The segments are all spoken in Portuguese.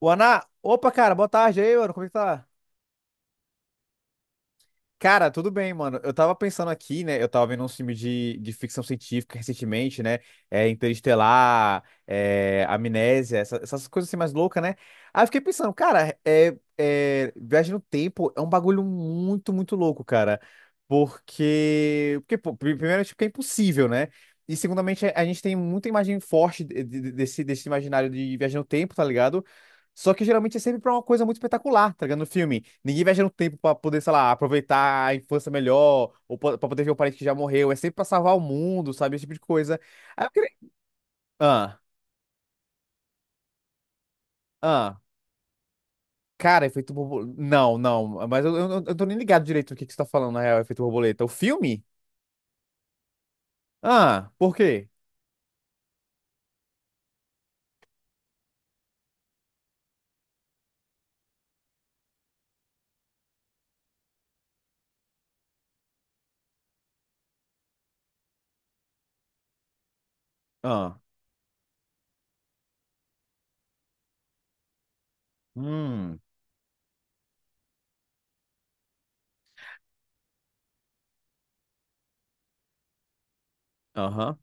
O Ana, opa, cara, boa tarde aí, mano. Como é que tá? Cara, tudo bem, mano. Eu tava pensando aqui, né? Eu tava vendo um filme de ficção científica recentemente, né? É, Interestelar, é, Amnésia, essas coisas assim mais loucas, né? Aí eu fiquei pensando, cara, viagem no tempo é um bagulho muito, muito louco, cara. Porque pô, primeiro, tipo, que é impossível, né? E, segundamente, a gente tem muita imagem forte desse, desse imaginário de viagem no tempo, tá ligado? Só que geralmente é sempre pra uma coisa muito espetacular, tá ligado? No filme. Ninguém viaja no tempo pra poder, sei lá, aproveitar a infância melhor, ou pra poder ver um parente que já morreu. É sempre pra salvar o mundo, sabe? Esse tipo de coisa. Aí eu queria... Ah, ah. Cara, efeito borboleta. Não, não. Mas eu tô nem ligado direito do que você tá falando, na real, efeito borboleta. O filme? Ah, por quê? Ah. Hum. Aham.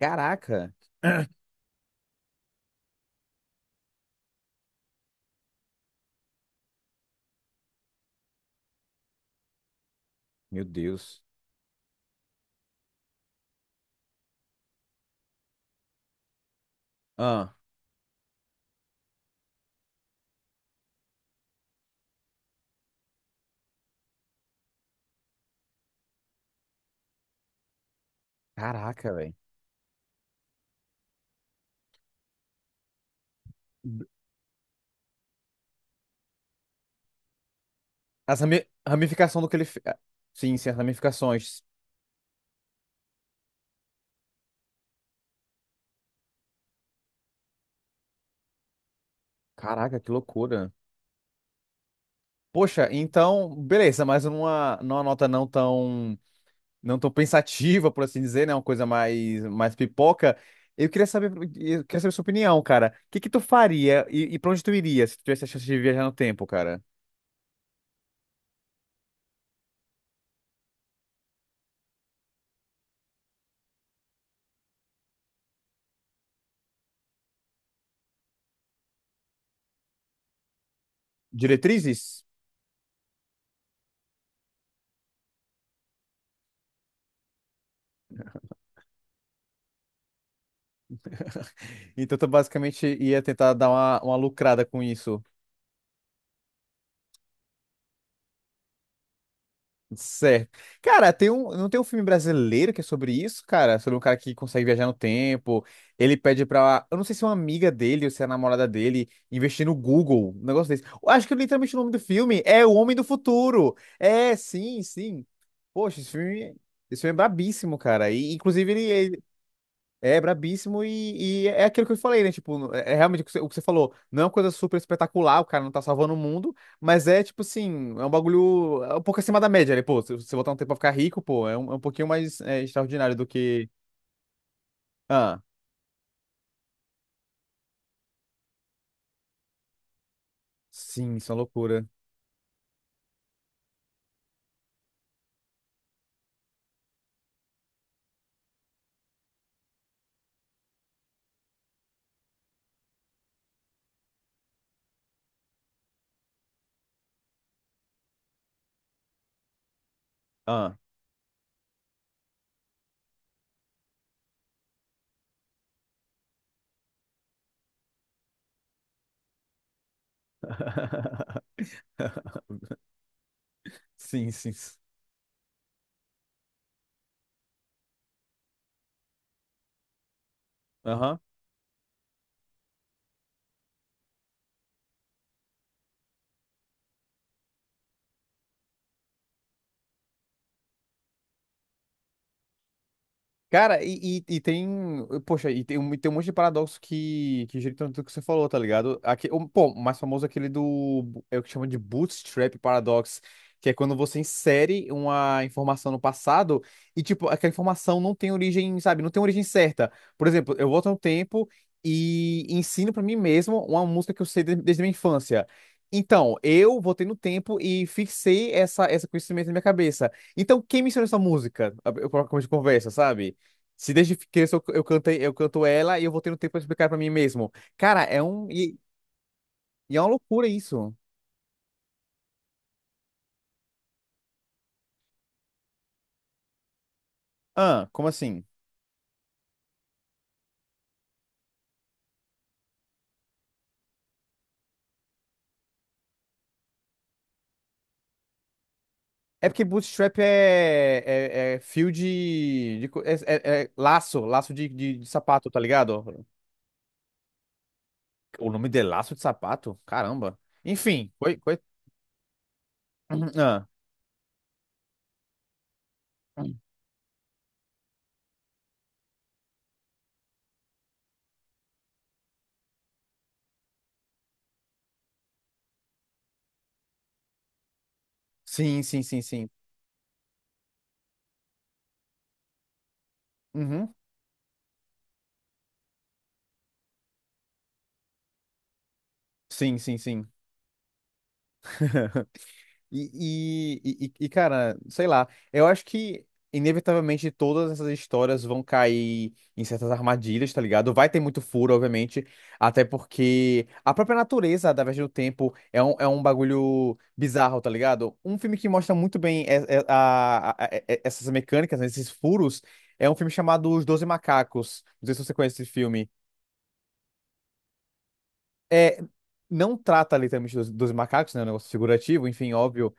Caraca. Meu Deus. Ah. Caraca, velho. As rami- ramificação do que ele. Fe- Sim, sim, as ramificações. Caraca, que loucura. Poxa, então, beleza, mas numa nota não tão, não tão pensativa, por assim dizer, né? Uma coisa mais pipoca. Eu queria saber sua opinião, cara. O que que tu faria e pra onde tu iria se tu tivesse a chance de viajar no tempo, cara? Diretrizes? Então tu basicamente ia tentar dar uma lucrada com isso. Certo. Cara, não tem um filme brasileiro que é sobre isso, cara? Sobre um cara que consegue viajar no tempo. Ele pede pra. Eu não sei se é uma amiga dele ou se é a namorada dele investir no Google, um negócio desse. Eu acho que é literalmente o nome do filme é O Homem do Futuro. É, sim, sim. Poxa, esse filme é brabíssimo, cara. E, inclusive, é brabíssimo e é aquilo que eu falei, né? Tipo, é é realmente o que você falou. Não é uma coisa super espetacular, o cara não tá salvando o mundo, mas é tipo assim, é um bagulho é um pouco acima da média, né? Pô, se você botar um tempo pra ficar rico, pô, é um pouquinho mais extraordinário do que. Ah, sim, isso é uma loucura. Ah, sim, sim. Sim. Aham. Cara, e tem. Poxa, e tem, tem um monte de paradoxo que gira em torno do que você falou, tá ligado? Aqui, pô, o mais famoso é aquele do. É o que chama de Bootstrap Paradox, que é quando você insere uma informação no passado e, tipo, aquela informação não tem origem, sabe? Não tem origem certa. Por exemplo, eu volto no tempo e ensino pra mim mesmo uma música que eu sei desde a minha infância. Então, eu voltei no tempo e fixei esse conhecimento na minha cabeça. Então, quem me ensinou essa música? Eu coloco de conversa, sabe? Se desde criança eu cantei, eu canto ela e eu vou tendo tempo pra explicar pra mim mesmo. Cara, é um. E é uma loucura isso. Ah, como assim? É porque é fio de co- é, é- é laço, laço de sapato, tá ligado? O nome de laço de sapato? Caramba. Enfim, coi... Ah, sim, sim, sim, sim. Uhum. Sim, sim, sim. Cara, sei lá, eu acho que inevitavelmente todas essas histórias vão cair em certas armadilhas, tá ligado? Vai ter muito furo, obviamente, até porque a própria natureza da viagem do tempo é um bagulho bizarro, tá ligado? Um filme que mostra muito bem essas mecânicas, né, esses furos, é um filme chamado Os Doze Macacos. Não sei se você conhece esse filme. É, não trata literalmente dos macacos, né? É um negócio figurativo, enfim, óbvio.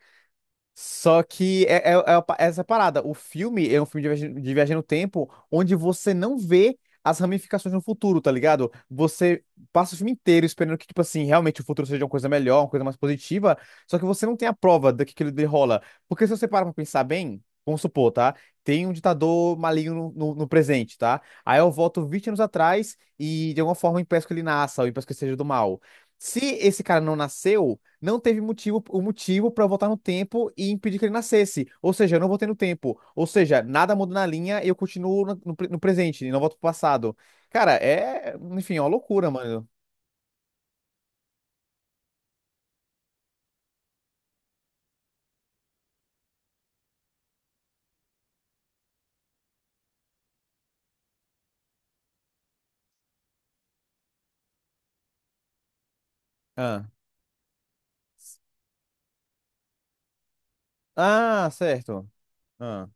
Só que é a essa parada. O filme é um filme de viagem no tempo onde você não vê as ramificações no futuro, tá ligado? Você passa o filme inteiro esperando que, tipo assim, realmente o futuro seja uma coisa melhor, uma coisa mais positiva, só que você não tem a prova do que aquilo ali rola. Porque se você para pra pensar bem, vamos supor, tá? Tem um ditador maligno no presente, tá? Aí eu volto 20 anos atrás e de alguma forma impeço que ele nasça ou impeço que ele seja do mal. Se esse cara não nasceu não teve motivo, o motivo para eu voltar no tempo e impedir que ele nascesse. Ou seja, eu não voltei no tempo. Ou seja, nada muda na linha e eu continuo no presente e não volto pro passado. Cara, é, enfim, é uma loucura, mano. Ah, certo. Ah,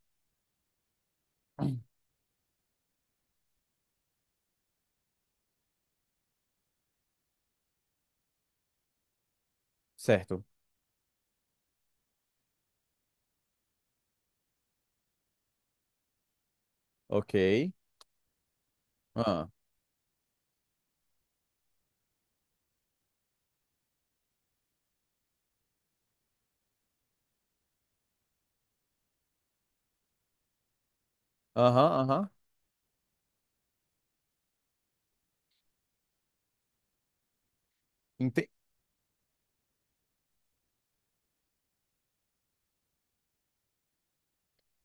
certo. Ok. Ah, aham, aham. Ente-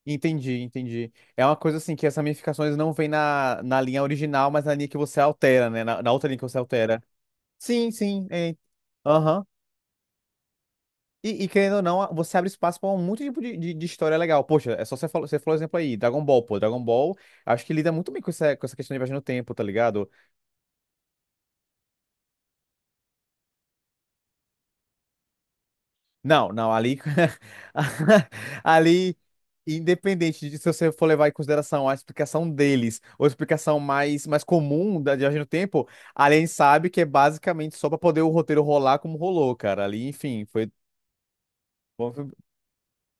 Entendi, entendi. É uma coisa assim que essas ramificações não vêm na linha original, mas na linha que você altera, né? Na outra linha que você altera. Sim, sim. É. Aham. E querendo ou não, você abre espaço para muito tipo de história legal. Poxa, é só você falou exemplo aí, Dragon Ball, pô. Dragon Ball, acho que lida muito bem com essa questão de viagem no tempo, tá ligado? Não, não, ali. Ali, independente de se você for levar em consideração a explicação deles, ou a explicação mais, mais comum da viagem no tempo, ali a gente sabe que é basicamente só para poder o roteiro rolar como rolou, cara. Ali, enfim, foi.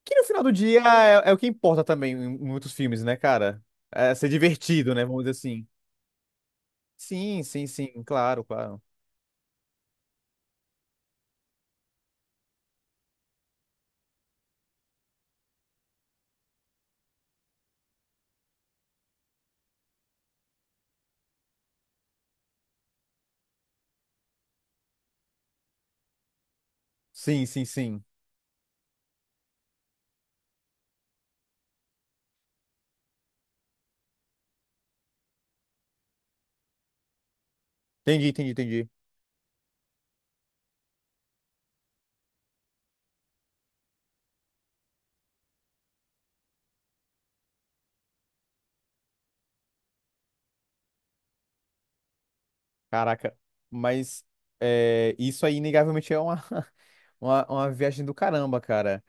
Que no final do dia é o que importa também em muitos filmes, né, cara? É ser divertido, né? Vamos dizer assim. Sim, sim, sim, claro, claro. Sim, sim, sim. Entendi, entendi, entendi. Caraca. Mas é, isso aí, inegavelmente, é uma, uma viagem do caramba, cara.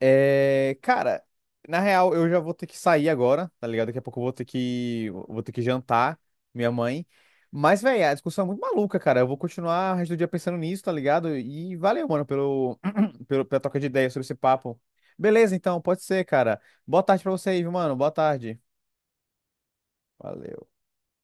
É, cara, na real, eu já vou ter que sair agora, tá ligado? Daqui a pouco eu vou ter que jantar minha mãe. Mas, velho, a discussão é muito maluca, cara. Eu vou continuar o resto do dia pensando nisso, tá ligado? E valeu, mano, pelo, pela troca de ideias sobre esse papo. Beleza, então, pode ser, cara. Boa tarde pra você aí, viu, mano? Boa tarde. Valeu.